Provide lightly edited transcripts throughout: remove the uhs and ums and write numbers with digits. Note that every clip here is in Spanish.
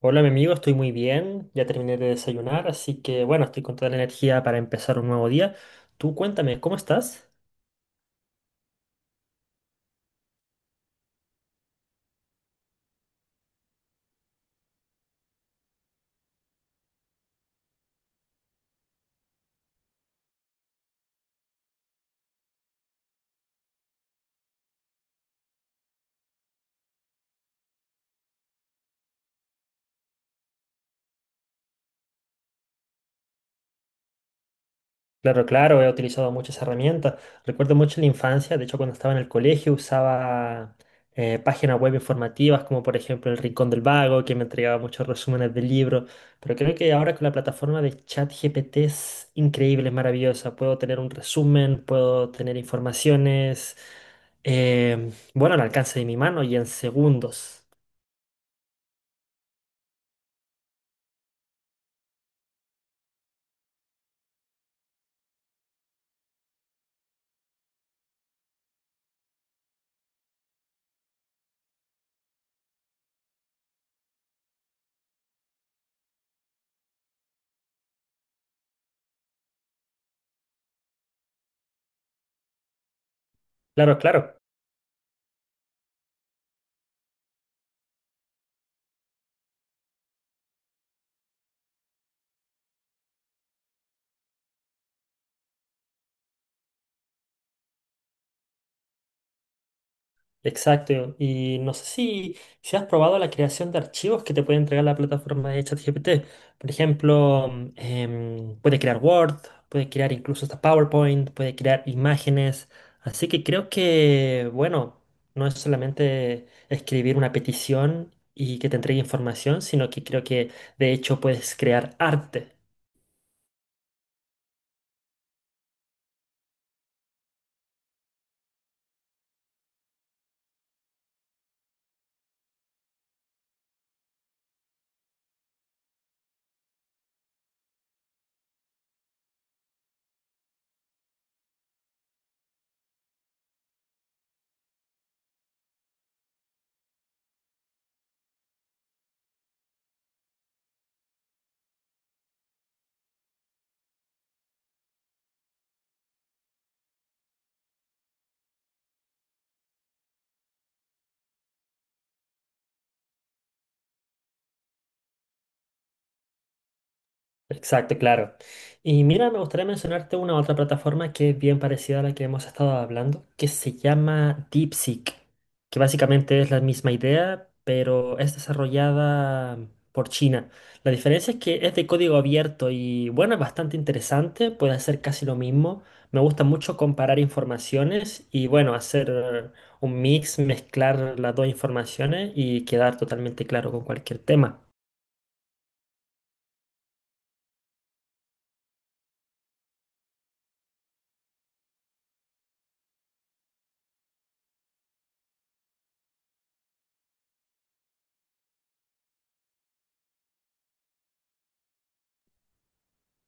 Hola, mi amigo, estoy muy bien. Ya terminé de desayunar, así que bueno, estoy con toda la energía para empezar un nuevo día. Tú cuéntame, ¿cómo estás? Claro, claro, he utilizado muchas herramientas. Recuerdo mucho la infancia, de hecho cuando estaba en el colegio usaba páginas web informativas como por ejemplo El Rincón del Vago, que me entregaba muchos resúmenes de libros, pero creo que ahora con la plataforma de ChatGPT es increíble, es maravillosa. Puedo tener un resumen, puedo tener informaciones, bueno, al alcance de mi mano y en segundos. Claro, claro. Exacto. Y no sé si, si has probado la creación de archivos que te puede entregar la plataforma de ChatGPT. Por ejemplo, puede crear Word, puede crear incluso hasta PowerPoint, puede crear imágenes. Así que creo que, bueno, no es solamente escribir una petición y que te entregue información, sino que creo que de hecho puedes crear arte. Exacto, claro. Y mira, me gustaría mencionarte una otra plataforma que es bien parecida a la que hemos estado hablando, que se llama DeepSeek, que básicamente es la misma idea, pero es desarrollada por China. La diferencia es que es de código abierto y bueno, es bastante interesante, puede hacer casi lo mismo. Me gusta mucho comparar informaciones y bueno, hacer un mix, mezclar las dos informaciones y quedar totalmente claro con cualquier tema.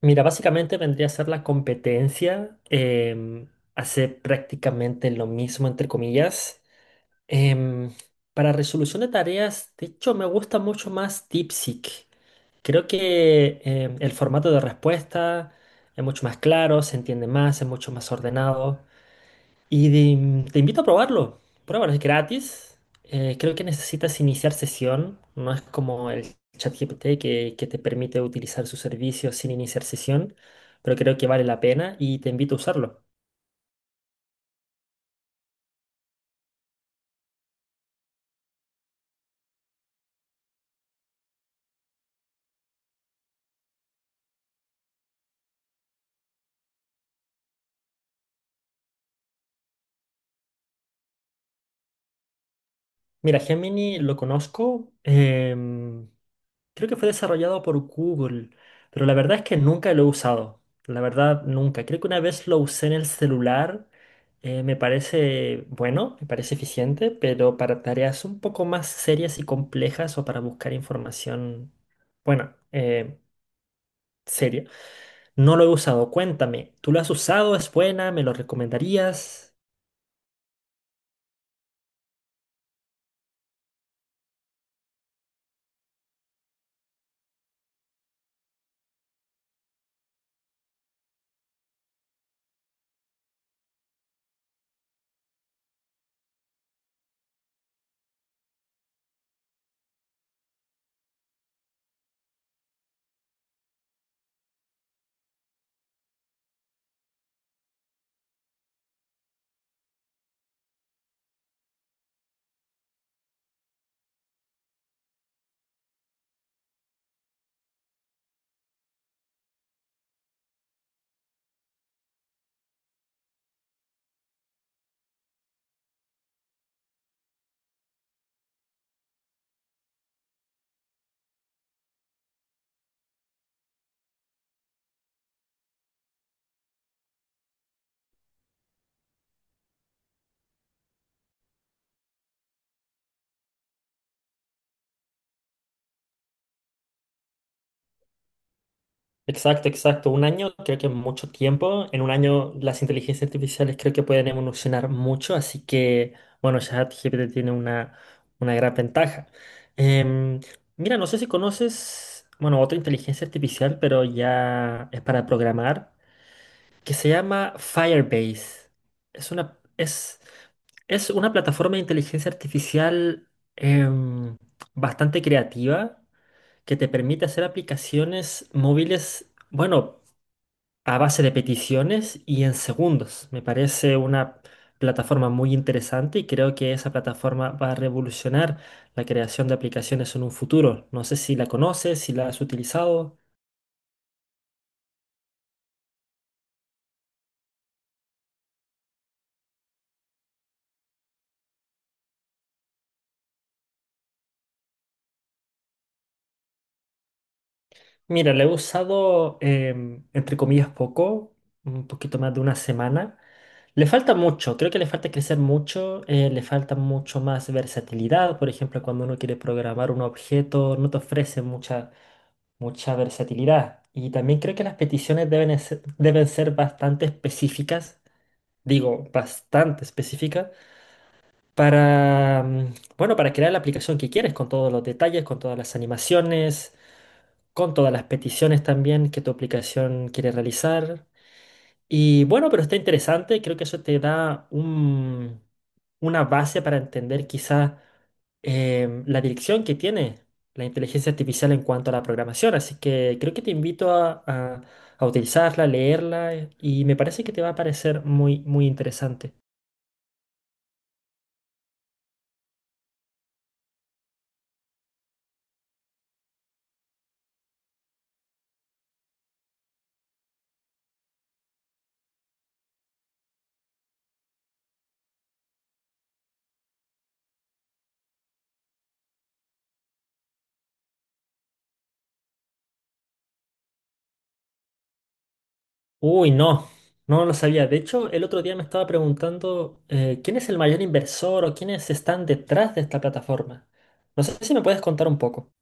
Mira, básicamente vendría a ser la competencia, hacer prácticamente lo mismo, entre comillas. Em, para resolución de tareas, de hecho, me gusta mucho más DeepSeek. Creo que el formato de respuesta es mucho más claro, se entiende más, es mucho más ordenado. Te invito a probarlo. Pruébalo, es gratis. Creo que necesitas iniciar sesión. No es como el ChatGPT que te permite utilizar su servicio sin iniciar sesión, pero creo que vale la pena y te invito a usarlo. Mira, Gemini lo conozco. Creo que fue desarrollado por Google, pero la verdad es que nunca lo he usado. La verdad, nunca. Creo que una vez lo usé en el celular. Me parece bueno, me parece eficiente, pero para tareas un poco más serias y complejas o para buscar información, bueno, seria, no lo he usado. Cuéntame, ¿tú lo has usado? ¿Es buena? ¿Me lo recomendarías? Exacto, exacto. Un año creo que es mucho tiempo. En un año las inteligencias artificiales creo que pueden evolucionar mucho, así que, bueno, ChatGPT tiene una gran ventaja. Em, Mira, no sé si conoces, bueno, otra inteligencia artificial, pero ya es para programar, que se llama Firebase. Es una, es, es una plataforma de inteligencia artificial em, bastante creativa que te permite hacer aplicaciones móviles, bueno, a base de peticiones y en segundos. Me parece una plataforma muy interesante y creo que esa plataforma va a revolucionar la creación de aplicaciones en un futuro. No sé si la conoces, si la has utilizado. Mira, la he usado, em, entre comillas, poco, un poquito más de una semana. Le falta mucho, creo que le falta crecer mucho, le falta mucho más versatilidad. Por ejemplo, cuando uno quiere programar un objeto, no te ofrece mucha versatilidad. Y también creo que las peticiones deben ser bastante específicas, digo, bastante específicas, para, bueno, para crear la aplicación que quieres, con todos los detalles, con todas las animaciones, con todas las peticiones también que tu aplicación quiere realizar. Y bueno, pero está interesante, creo que eso te da una base para entender quizá la dirección que tiene la inteligencia artificial en cuanto a la programación, así que creo que te invito a utilizarla, leerla y me parece que te va a parecer muy, muy interesante. Uy, no, no lo sabía. De hecho, el otro día me estaba preguntando quién es el mayor inversor o quiénes están detrás de esta plataforma. No sé si me puedes contar un poco.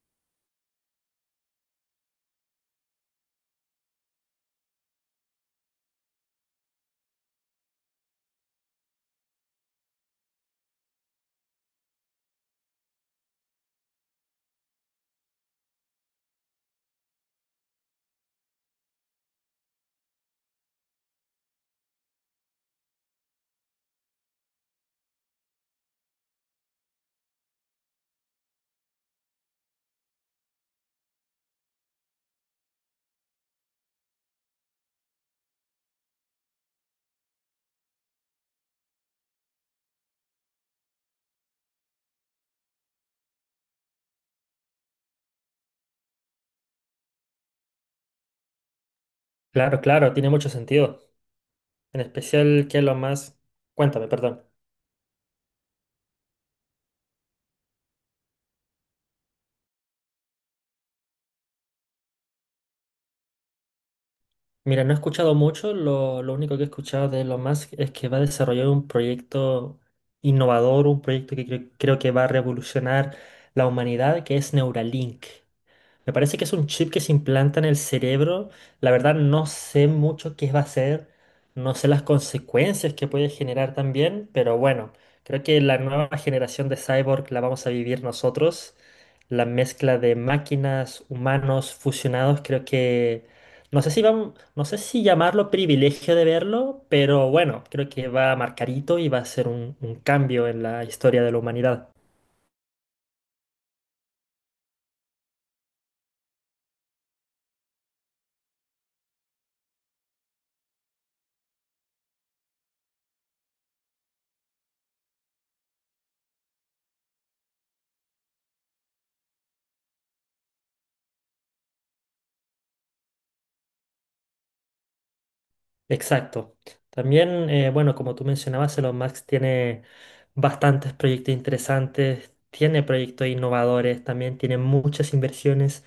Claro, claro, tiene mucho sentido. En especial, ¿qué es lo más? Cuéntame, perdón. Mira, no he escuchado mucho, lo único que he escuchado de lo más es que va a desarrollar un proyecto innovador, un proyecto creo que va a revolucionar la humanidad, que es Neuralink. Me parece que es un chip que se implanta en el cerebro. La verdad no sé mucho qué va a ser, no sé las consecuencias que puede generar también, pero bueno, creo que la nueva generación de cyborg la vamos a vivir nosotros. La mezcla de máquinas, humanos fusionados, creo que no sé si llamarlo privilegio de verlo, pero bueno, creo que va a marcar hito y va a ser un cambio en la historia de la humanidad. Exacto. También, bueno, como tú mencionabas, Elon Musk tiene bastantes proyectos interesantes, tiene proyectos innovadores, también tiene muchas inversiones.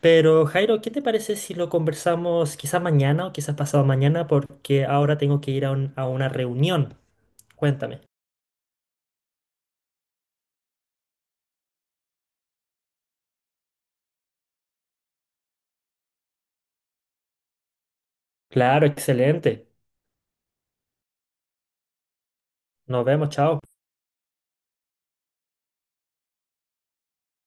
Pero Jairo, ¿qué te parece si lo conversamos quizás mañana o quizás pasado mañana? Porque ahora tengo que ir a una reunión. Cuéntame. Claro, excelente. Nos vemos, chao.